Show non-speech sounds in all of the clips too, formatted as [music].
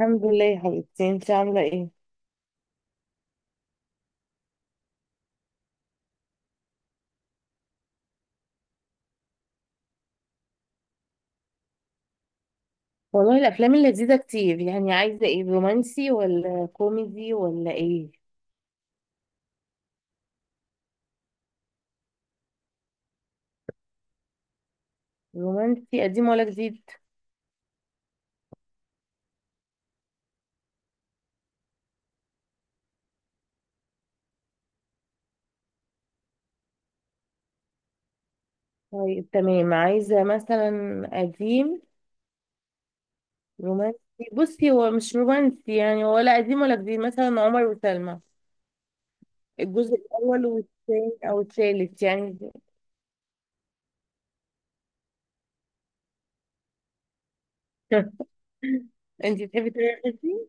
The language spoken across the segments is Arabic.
الحمد لله يا حبيبتي، انت عامله ايه؟ والله الافلام اللذيذه كتير، يعني عايزه ايه؟ رومانسي ولا كوميدي ولا ايه؟ رومانسي قديم ولا جديد؟ طيب تمام، عايزه مثلا قديم رومانسي. بصي، هو مش رومانسي يعني ولا قديم ولا جديد، مثلا عمر وسلمى. الجزء الاول والثاني او الثالث يعني. [laughs] انت بتحبي تتفرجي؟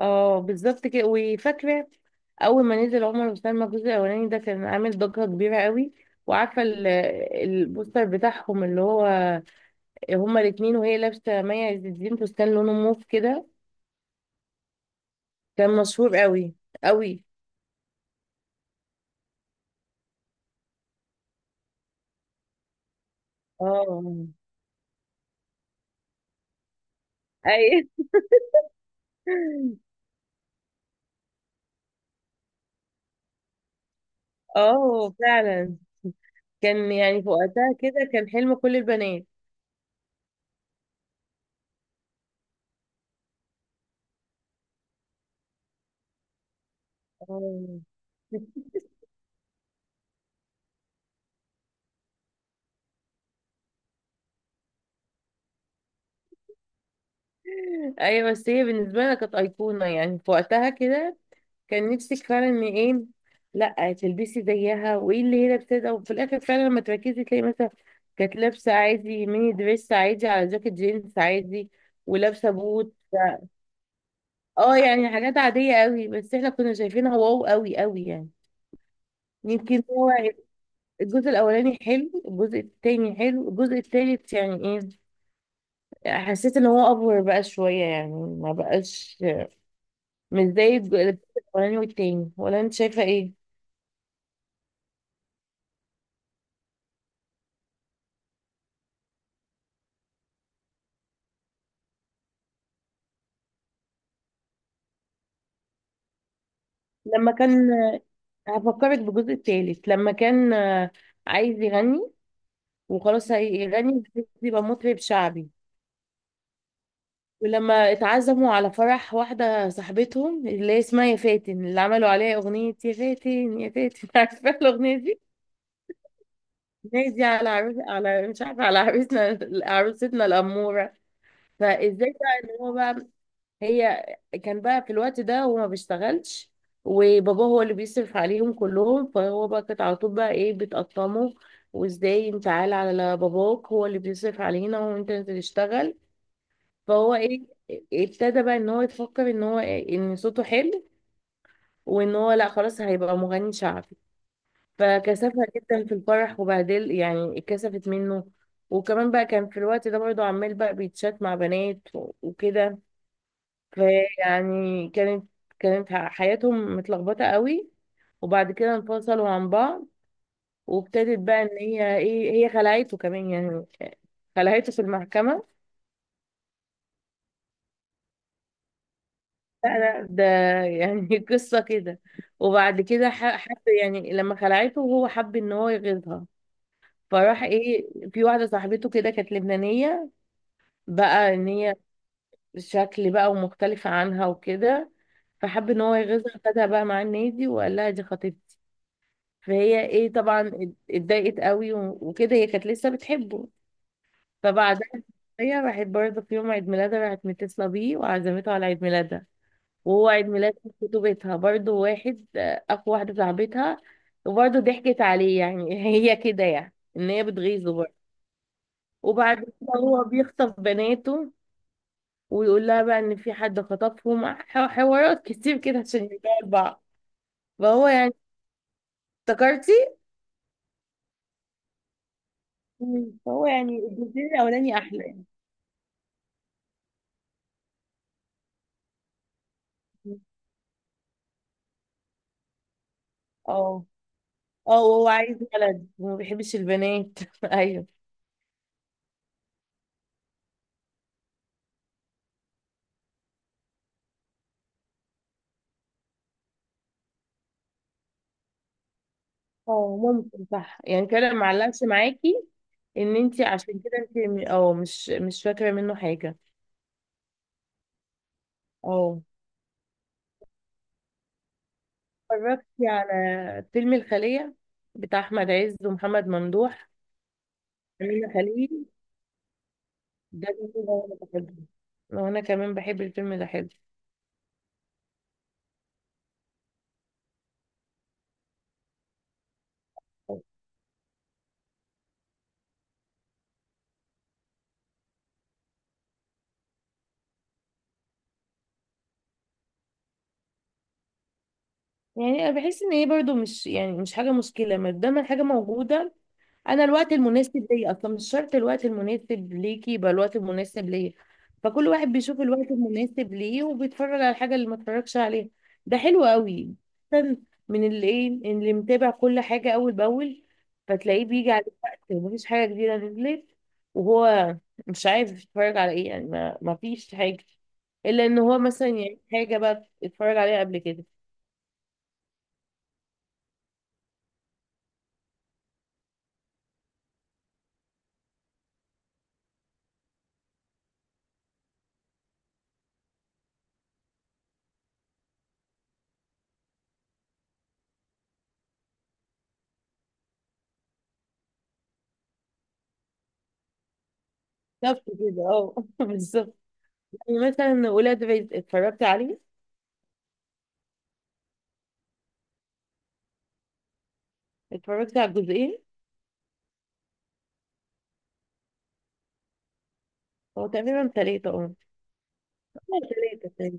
اه بالظبط كده، وفاكره اول ما نزل عمر وسلمى الجزء الاولاني، ده كان عامل ضجه كبيره قوي. وعارفه البوستر بتاعهم، اللي هو هما الاتنين، وهي لابسه مي عز الدين فستان لونه موف كده. كان مشهور قوي قوي. اه، اي. [laughs] اه فعلا، كان يعني في وقتها كده كان حلم كل البنات. اه. [laughs] ايوه بس هي بالنسبه لنا كانت ايقونه يعني في وقتها كده. كان نفسك فعلا ان ايه، لا تلبسي زيها وايه اللي هي لابساه. وفي الاخر فعلا لما تركزي تلاقي مثلا كانت لابسه عادي ميني دريس عادي على جاكيت جينز عادي ولابسه بوت. اه يعني حاجات عاديه قوي، بس احنا كنا شايفينها واو، قوي قوي يعني. يمكن هو الجزء الاولاني حلو، الجزء التاني حلو، الجزء التالت يعني ايه؟ حسيت ان هو افور بقى شويه يعني، ما بقاش مش زي الجزء الاولاني والتاني. ولا انت شايفه ايه؟ لما كان، هفكرك بالجزء التالت لما كان عايز يغني وخلاص هيغني بس يبقى مطرب شعبي. ولما اتعزموا على فرح واحدة صاحبتهم اللي هي اسمها يا فاتن، اللي عملوا عليها أغنية يا فاتن يا فاتن. [laughs] عارفة الأغنية دي؟ الناس دي على عروس، على مش عارفة، على عروسنا عروستنا الأمورة. فازاي بقى ان هو بقى، هي كان بقى في الوقت ده هو ما بيشتغلش. وبابا هو اللي بيصرف عليهم كلهم، فهو بقى كانت على طول بقى ايه بتقطمه. وازاي انت عال على باباك، هو اللي بيصرف علينا وانت اللي تشتغل. فهو ايه، ابتدى بقى ان هو يفكر ان هو إيه، ان صوته حلو. وان هو لا خلاص هيبقى مغني شعبي. فكسفها جدا في الفرح وبهدل، يعني اتكسفت منه. وكمان بقى كان في الوقت ده برضه عمال بقى بيتشات مع بنات وكده. فيعني كانت حياتهم متلخبطة قوي. وبعد كده انفصلوا عن بعض. وابتدت بقى ان هي ايه، هي خلعته كمان يعني. خلعته في المحكمة. لا، لا، ده يعني [laughs] قصة كده. وبعد كده حب يعني، لما خلعته هو حب ان هو يغيظها. فراح ايه، في واحدة صاحبته كده كانت لبنانية. بقى ان هي شكل بقى ومختلفة عنها وكده. فحب ان هو يغيظها، خدها بقى مع النادي وقال لها دي خطيبتي. فهي ايه، طبعا اتضايقت قوي وكده، هي كانت لسه بتحبه. فبعدها هي راحت برضه في يوم عيد ميلادها، راحت متصلة بيه وعزمته على عيد ميلادها. وهو عيد ميلاد خطوبتها برضه واحد، أقوى واحدة صاحبتها. وبرضه ضحكت عليه يعني. [laughs] هي كده يعني إن هي بتغيظه برضه. وبعد كده هو بيخطف بناته. ويقول لها بقى إن في حد خطفهم، حوارات كتير كده عشان يرجعوا لبعض. فهو يعني افتكرتي؟ مم. فهو يعني الجزء الأولاني أحلى يعني. اه، اه، وهو عايز ولد وما بيحبش البنات. [laughs] ايوه. اه ممكن صح يعني كده ما علقش معاكي، ان انت عشان كده انت مش فاكره منه حاجه. اه، اتفرجتي على فيلم الخليه بتاع احمد عز ومحمد ممدوح، امينه خليل؟ ده الفيلم ده انا بحبه. وانا كمان بحب الفيلم ده، حلو. يعني انا بحس ان هي برضو مش يعني مش حاجه مشكله، ما دام الحاجه موجوده. انا الوقت المناسب ليا اصلا مش شرط الوقت المناسب ليكي يبقى الوقت المناسب ليا. فكل واحد بيشوف الوقت المناسب ليه وبيتفرج على الحاجه اللي ما اتفرجش عليها. ده حلو قوي، أحسن من اللي ايه اللي متابع كل حاجه اول باول. فتلاقيه بيجي على وقت ومفيش حاجه جديده نزلت. وهو مش عارف يتفرج على ايه يعني، ما فيش حاجه الا ان هو مثلا يعني حاجه بقى اتفرج عليها قبل كده. بالظبط كده اه. [laughs] بالظبط. يعني مثلا ولاد رزق، اتفرجت عليه؟ اتفرجت على الجزئين. هو تقريبا ثلاثة اه. هو ثلاثة تقريبا.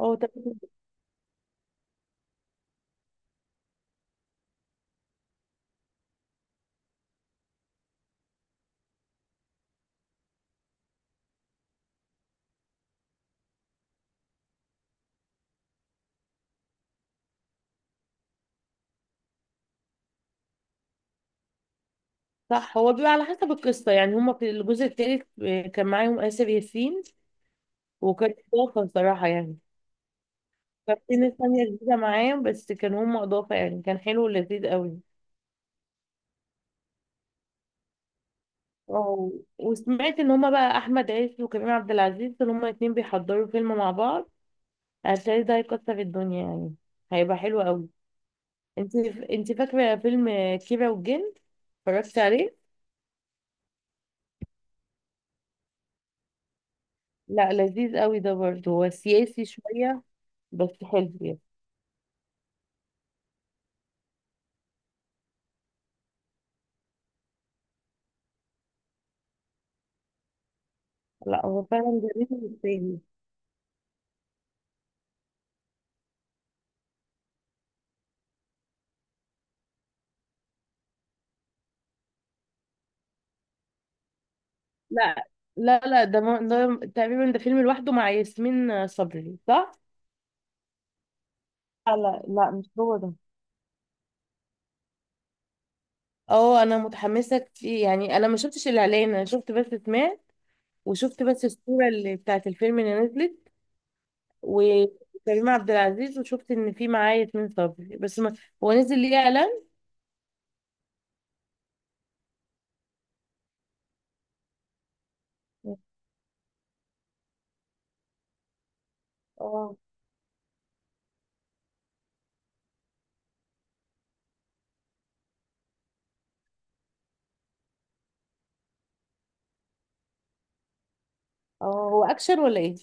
هو تقريبا صح. هو بيبقى على حسب القصة، يعني هما في الجزء الثالث كان معاهم آسر ياسين. وكانت إضافة الصراحة يعني. كابتن الثانية جديدة معاهم، بس كان هما إضافة يعني، كان حلو ولذيذ قوي. اه، وسمعت إن هما بقى أحمد عز وكريم عبد العزيز إن هما الاتنين بيحضروا فيلم مع بعض. هتلاقي ده هيكسر الدنيا يعني. هيبقى حلو قوي. انت انت فاكرة فيلم كيرة والجن، اتفرجت عليه؟ لا لذيذ قوي ده برضه، هو سياسي شوية. بس حلو يعني. لا هو فعلا جميل التاني. لا، لا، لا، ده تقريبا ده فيلم لوحده مع ياسمين صبري، صح؟ لا، لا، لا، مش هو ده. اه انا متحمسة كتير، يعني انا ما شفتش الاعلان، انا شفت بس سمعت. وشفت بس الصورة اللي بتاعت الفيلم اللي نزلت. وكريم عبد العزيز وشفت ان في معاه ياسمين صبري بس ما... هو نزل ليه اعلان؟ اه، اه، هو اكشن ولا ايه؟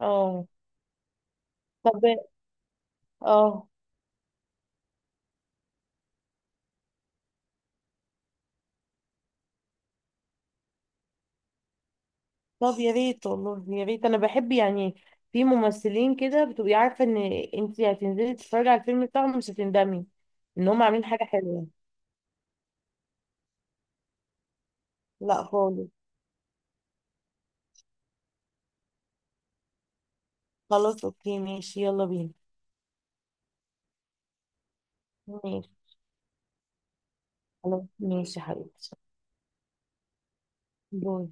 اه طب، اه طب، يا ريت والله يا ريت، انا بحب يعني. في ممثلين كده بتبقي عارفه ان انت هتنزلي تتفرجي على الفيلم بتاعهم مش هتندمي. ان هم عاملين حاجه حلوه. لا خالص. خلاص اوكي ماشي، يلا بينا. ماشي. خلاص ماشي يا حبيبتي. باي.